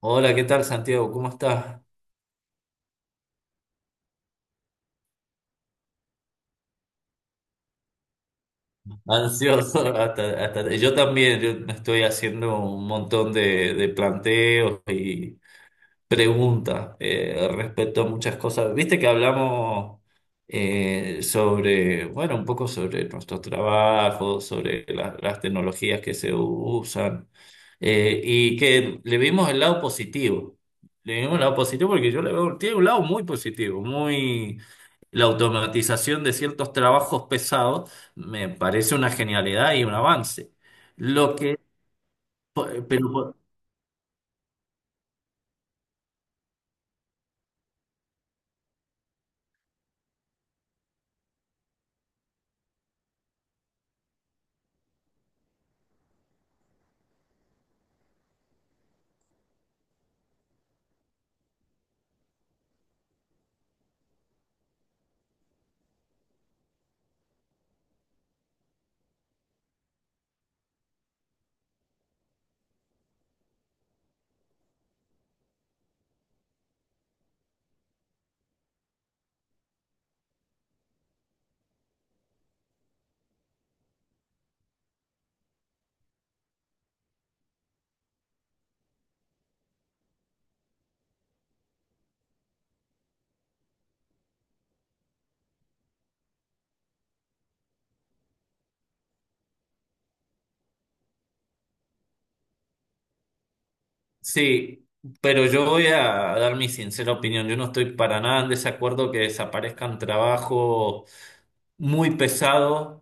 Hola, ¿qué tal Santiago? ¿Cómo estás? Ansioso. Yo también, yo me estoy haciendo un montón de planteos y preguntas respecto a muchas cosas. Viste que hablamos sobre, bueno, un poco sobre nuestro trabajo, sobre las tecnologías que se usan. Y que le vimos el lado positivo. Le vimos el lado positivo porque yo le veo, tiene un lado muy positivo, muy... La automatización de ciertos trabajos pesados me parece una genialidad y un avance. Lo que, pero, sí, pero yo voy a dar mi sincera opinión. Yo no estoy para nada en desacuerdo que desaparezcan trabajos muy pesado.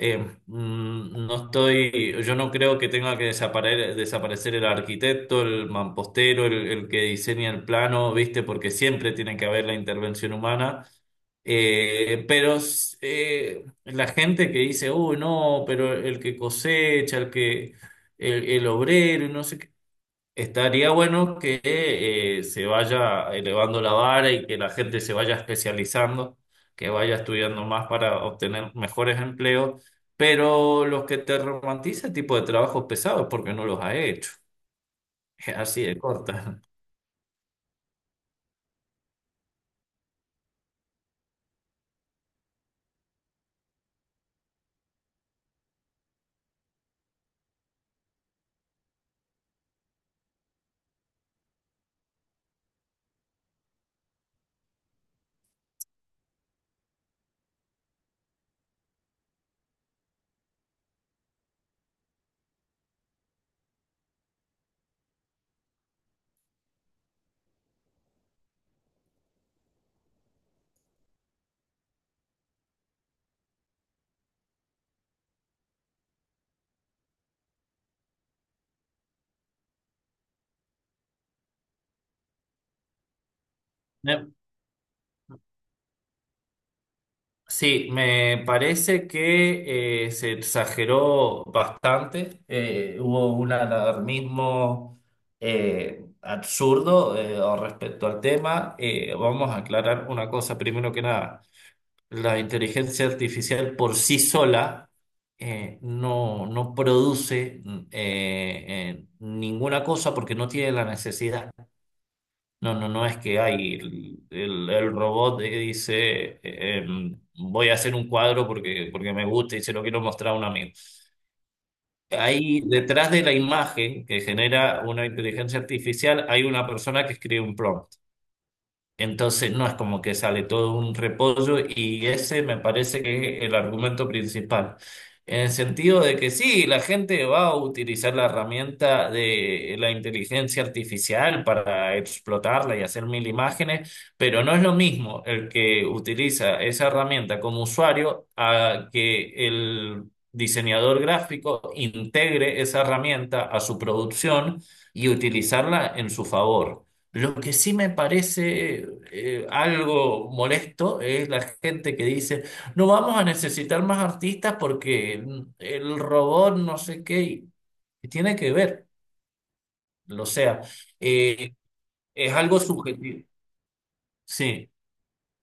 eh, no estoy, yo no creo que tenga que desaparecer, el arquitecto, el mampostero, el que diseña el plano, ¿viste? Porque siempre tiene que haber la intervención humana. Pero la gente que dice, uy, no, pero el que cosecha, el que, el obrero, y no sé qué. Estaría bueno que se vaya elevando la vara y que la gente se vaya especializando, que vaya estudiando más para obtener mejores empleos, pero los que te romantiza el tipo de trabajo pesado es porque no los ha hecho. Así de corta. Sí, me parece que se exageró bastante, hubo un alarmismo absurdo al respecto al tema. Vamos a aclarar una cosa primero que nada, la inteligencia artificial por sí sola no, no produce ninguna cosa porque no tiene la necesidad. No, no, no es que hay el robot que dice, voy a hacer un cuadro porque, porque me gusta y se lo quiero mostrar a un amigo. Ahí detrás de la imagen que genera una inteligencia artificial hay una persona que escribe un prompt. Entonces no es como que sale todo un repollo y ese me parece que es el argumento principal. En el sentido de que sí, la gente va a utilizar la herramienta de la inteligencia artificial para explotarla y hacer mil imágenes, pero no es lo mismo el que utiliza esa herramienta como usuario a que el diseñador gráfico integre esa herramienta a su producción y utilizarla en su favor. Lo que sí me parece algo molesto es la gente que dice, no vamos a necesitar más artistas porque el robot no sé qué, y tiene que ver, o sea, eh, es algo subjetivo. Sí,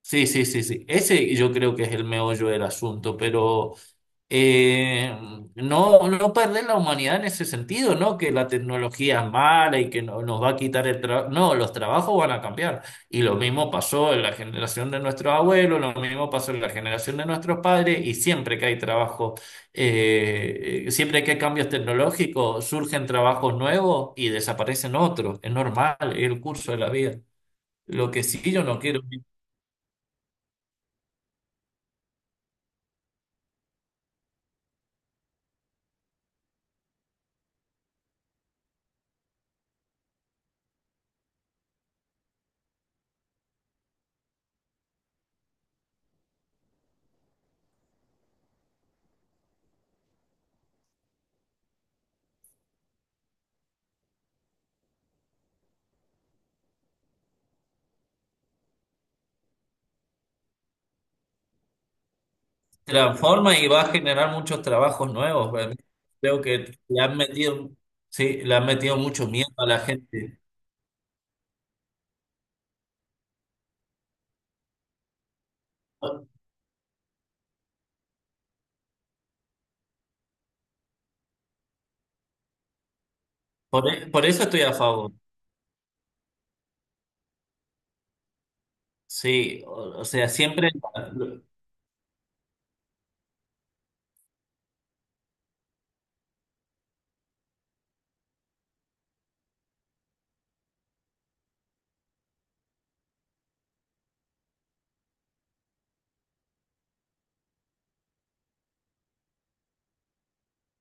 sí, sí, sí, sí. Ese yo creo que es el meollo del asunto, pero eh, no, no perder la humanidad en ese sentido, ¿no? Que la tecnología es mala y que nos va a quitar el trabajo. No, los trabajos van a cambiar. Y lo mismo pasó en la generación de nuestros abuelos, lo mismo pasó en la generación de nuestros padres, y siempre que hay trabajo, siempre que hay cambios tecnológicos, surgen trabajos nuevos y desaparecen otros. Es normal, es el curso de la vida. Lo que sí yo no quiero. Transforma y va a generar muchos trabajos nuevos, ¿verdad? Creo que le han metido, sí, le han metido mucho miedo a la gente. Por eso estoy a favor. Sí, o sea, siempre,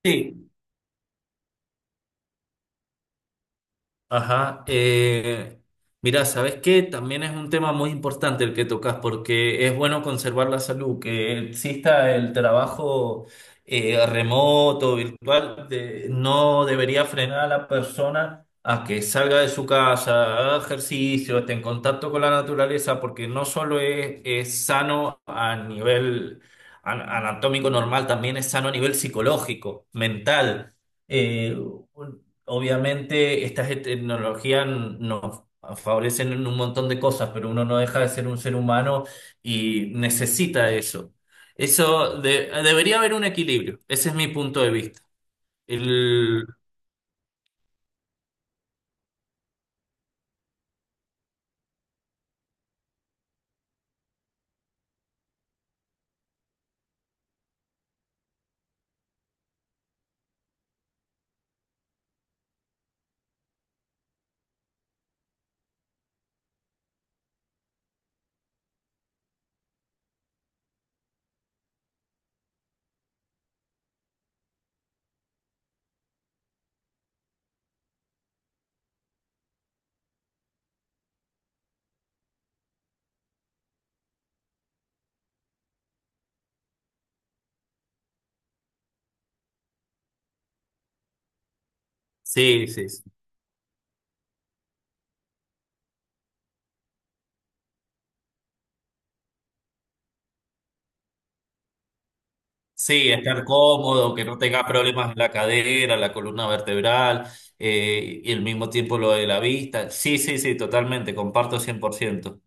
sí, ajá. Mira, ¿sabes qué? También es un tema muy importante el que tocas porque es bueno conservar la salud, que exista el trabajo remoto, virtual, de- no debería frenar a la persona a que salga de su casa, haga ejercicio, esté en contacto con la naturaleza, porque no solo es sano a nivel anatómico normal, también es sano a nivel psicológico, mental. Eh, Obviamente estas tecnologías nos favorecen en un montón de cosas, pero uno no deja de ser un ser humano y necesita eso. Eso debería haber un equilibrio. Ese es mi punto de vista. El, sí, sí, sí. Sí, estar cómodo, que no tengas problemas en la cadera, la columna vertebral, y al mismo tiempo lo de la vista. Sí, sí, sí, totalmente, comparto 100%.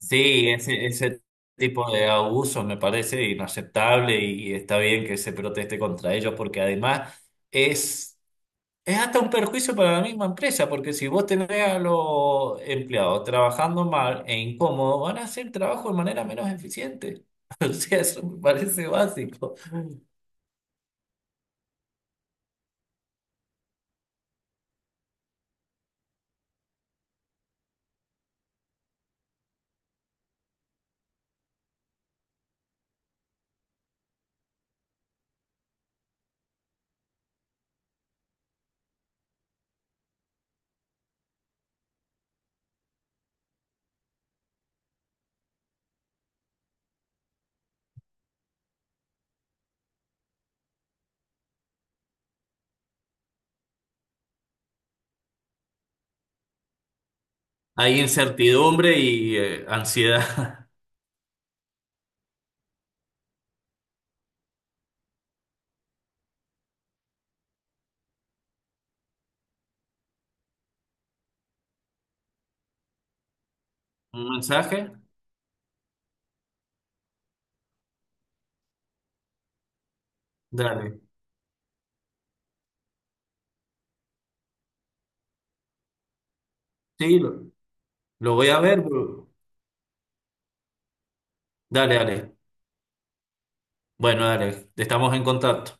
Sí, ese tipo de abusos me parece inaceptable y está bien que se proteste contra ellos porque además es, es hasta un perjuicio para la misma empresa porque si vos tenés a los empleados trabajando mal e incómodo, van a hacer trabajo de manera menos eficiente. O sea, eso me parece básico. Hay incertidumbre y ansiedad. ¿Un mensaje? Dale. Sí, lo voy a ver, bro. Dale, dale. Bueno, dale. Estamos en contacto.